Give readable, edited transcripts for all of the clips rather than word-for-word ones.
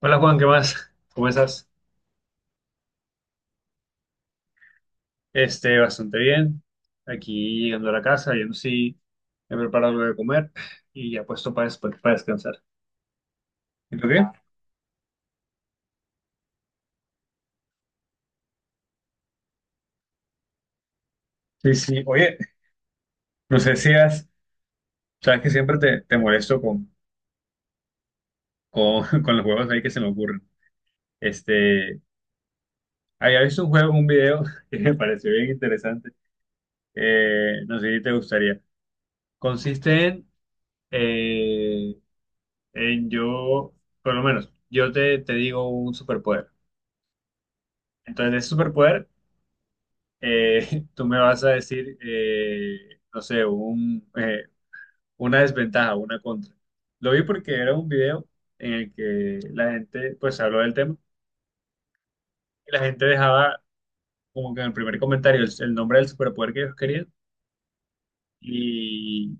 Hola Juan, ¿qué más? ¿Cómo estás? Bastante bien. Aquí llegando a la casa, yo sí he preparado algo de comer y ya puesto para descansar. ¿Y tú qué? Sí, sí. Oye, no sé si has, sabes que siempre te molesto con los juegos ahí que se me ocurren. Este, Había visto un juego, un video que me pareció bien interesante. No sé si te gustaría. Consiste en, eh, en yo, por lo menos, yo te digo un superpoder. Entonces, de ese superpoder, tú me vas a decir, no sé, una desventaja, una contra. Lo vi porque era un video en el que la gente, pues, habló del tema y la gente dejaba como que en el primer comentario el nombre del superpoder que ellos querían y,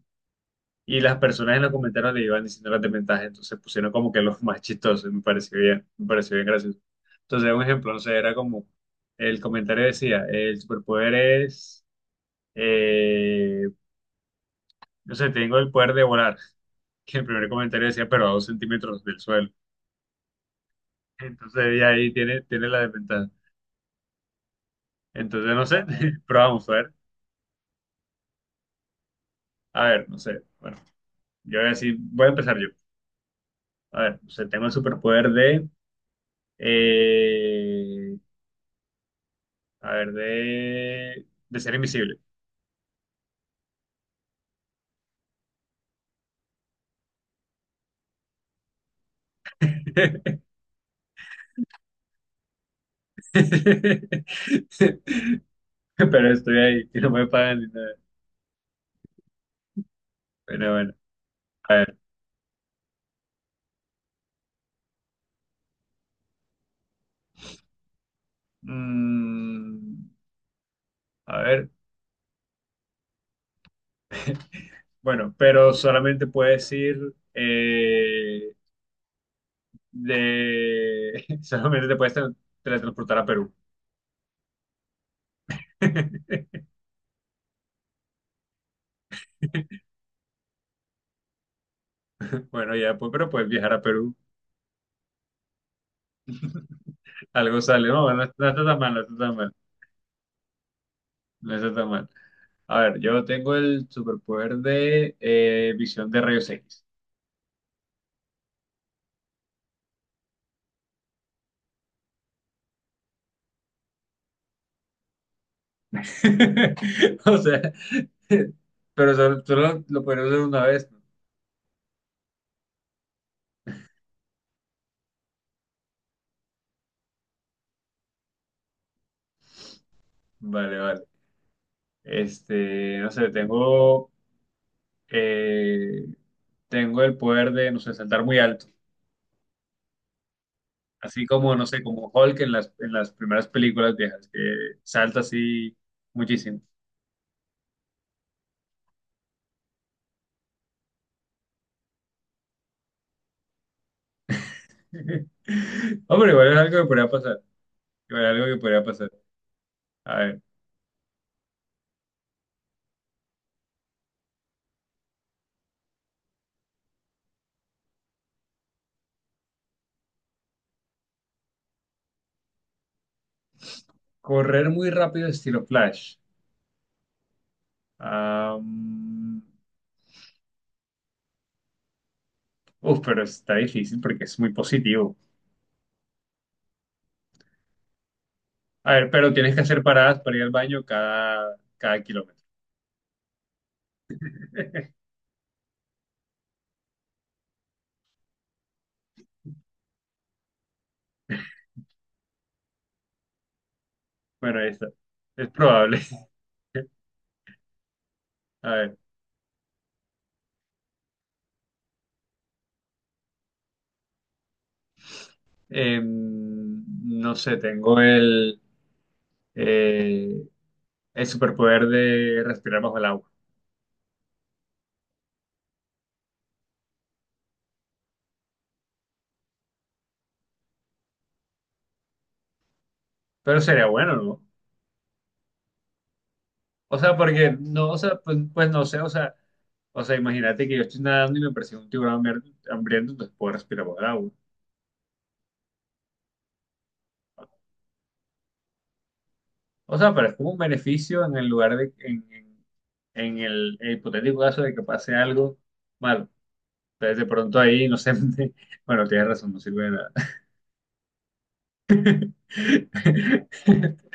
y las personas en los comentarios le iban diciendo las desventajas. Entonces pusieron como que los más chistosos, me pareció bien gracioso. Entonces, un ejemplo, no sé, era como el comentario decía, el superpoder es... eh, no sé, tengo el poder de volar, que el primer comentario decía, pero a 2 centímetros del suelo. Entonces ella ahí tiene la desventaja. Entonces, no sé, pero vamos a ver. A ver, no sé. Bueno, yo voy a decir, voy a empezar yo. A ver, no sé, tengo el superpoder de, eh, a ver, de ser invisible. Pero estoy ahí, que no me pagan ni nada. Bueno, bueno, a ver. Mm, a ver, bueno, pero solamente puedes ir eh, de... Solamente te puedes teletransportar a Perú. Bueno, ya, pues, pero puedes viajar a Perú. Algo sale. No, no, no está tan mal, no está tan mal. No está tan mal. A ver, yo tengo el superpoder de visión de rayos X. O sea, pero solo lo podría usar una vez, ¿no? Vale, vale. No sé, tengo... eh, tengo el poder de, no sé, saltar muy alto. Así como, no sé, como Hulk en en las primeras películas viejas, que salta así muchísimo. Hombre, igual es algo que podría pasar. Igual es algo que podría pasar. A ver, correr muy rápido estilo Flash. Am, pero está difícil porque es muy positivo. A ver, pero tienes que hacer paradas para ir al baño cada kilómetro. Bueno, ahí está. Es probable. A ver, em, no sé, tengo eh, el superpoder de respirar bajo el agua. Pero sería bueno, ¿no? O sea, porque no, o sea, pues, pues no sé, o sea, imagínate que yo estoy nadando y me persigue un tiburón hambriento, entonces puedo respirar bajo el agua. O sea, pero es como un beneficio en el lugar en el hipotético caso de que pase algo malo. Entonces, de pronto ahí, no sé, bueno, tienes razón, no sirve de nada.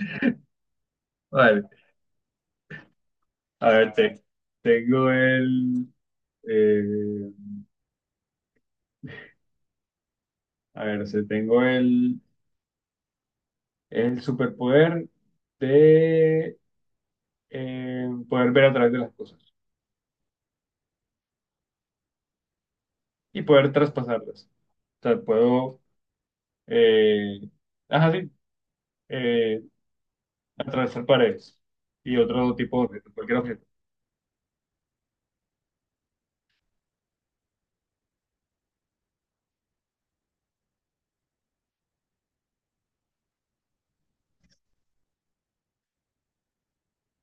Vale, a ver, tengo el, eh, a ver, o sea, tengo el superpoder de poder ver a través de las cosas y poder traspasarlas. O sea, puedo, eh, ajá, sí, eh, atravesar paredes y otro tipo de objeto, cualquier objeto.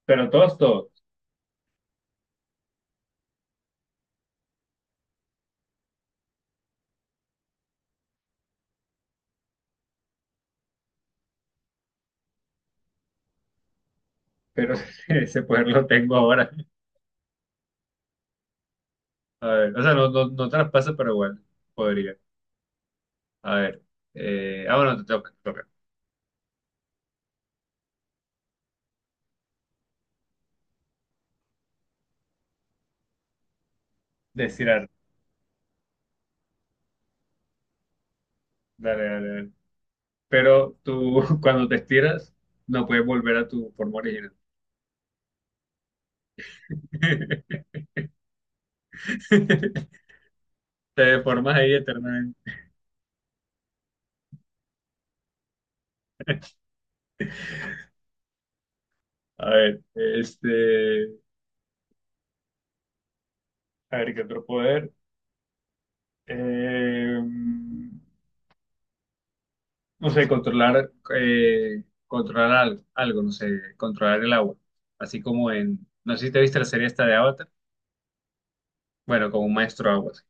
Pero todos, todos. Pero ese poder lo tengo ahora. A ver, o sea, no traspasa, pero igual podría. A ver. Ah, bueno, te toca, te toca. De estirar. Dale, dale, dale. Pero tú, cuando te estiras, no puedes volver a tu forma original. Te deformas ahí eternamente. A ver, este, a ver, ¿qué otro poder? Eh, no sé, controlar algo, no sé, controlar el agua. Así como en, no sé si te viste la serie esta de Avatar, bueno, como un maestro agua, así,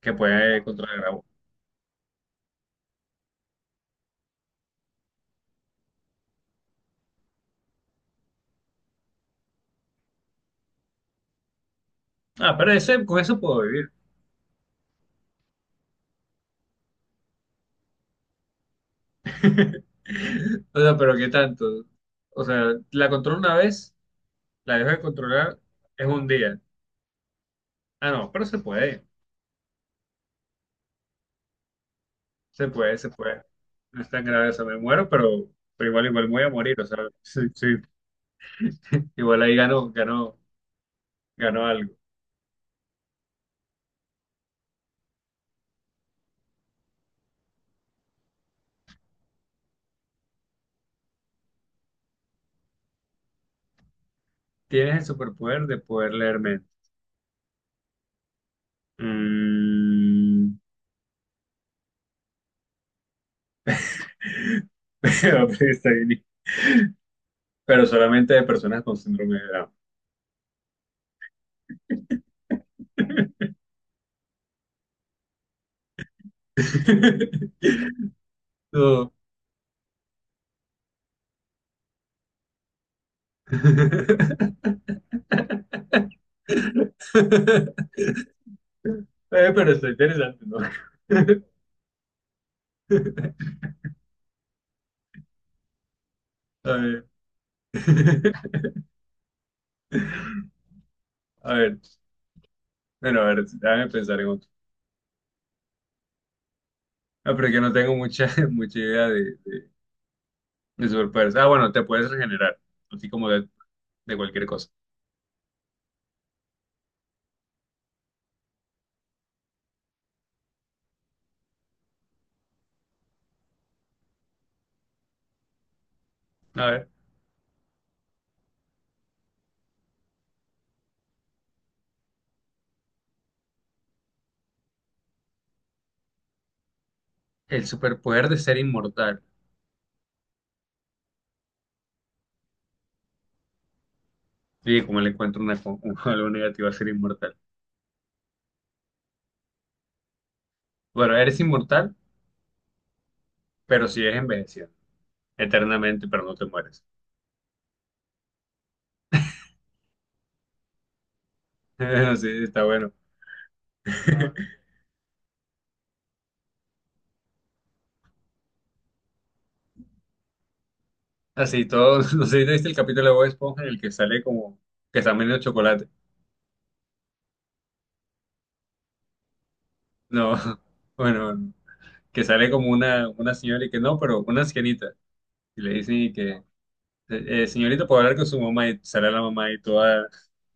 que puede controlar el agua. Ah, pero ese, con eso puedo vivir. O sea, pero ¿qué tanto? O sea, la controlo una vez, la dejo de controlar, es 1 día. Ah, no, pero se puede. Se puede, se puede. No es tan grave, o sea, me muero, pero igual, igual voy a morir, o sea, sí, sí. Igual ahí ganó, ganó, ganó algo. Tienes el superpoder de poder leer mente. Mm, pero, pues, está bien. Pero solamente de personas con síndrome de Down. No. Pero está interesante, ¿no? A ver. A ver. Bueno, a ver, déjame pensar en otro. Ah, pero es que no tengo mucha, mucha idea de superpoderes. Ah, bueno, te puedes regenerar, así como de cualquier cosa. A ver, el superpoder de ser inmortal. Sí, como le encuentro una, algo negativo a ser inmortal. Bueno, eres inmortal, pero sigues envejeciendo eternamente, pero no te mueres. Bueno, sí, está bueno. Así todo, no sé si te viste el capítulo de Bob Esponja en el que sale como que está medio chocolate. No, bueno, que sale como una señora y que no, pero una ancianita. Y le dicen y que... señorita, puedo hablar con su mamá y sale la mamá y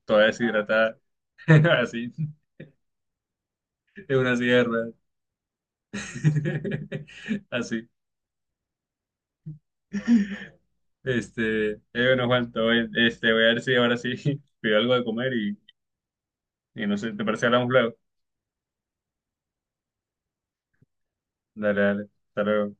toda deshidratada, así, en una sierra, así. Bueno, Juan, todo bien. Este, voy a ver si ahora sí pido algo de comer y no sé, ¿te parece que hablamos luego? Dale, dale, hasta luego.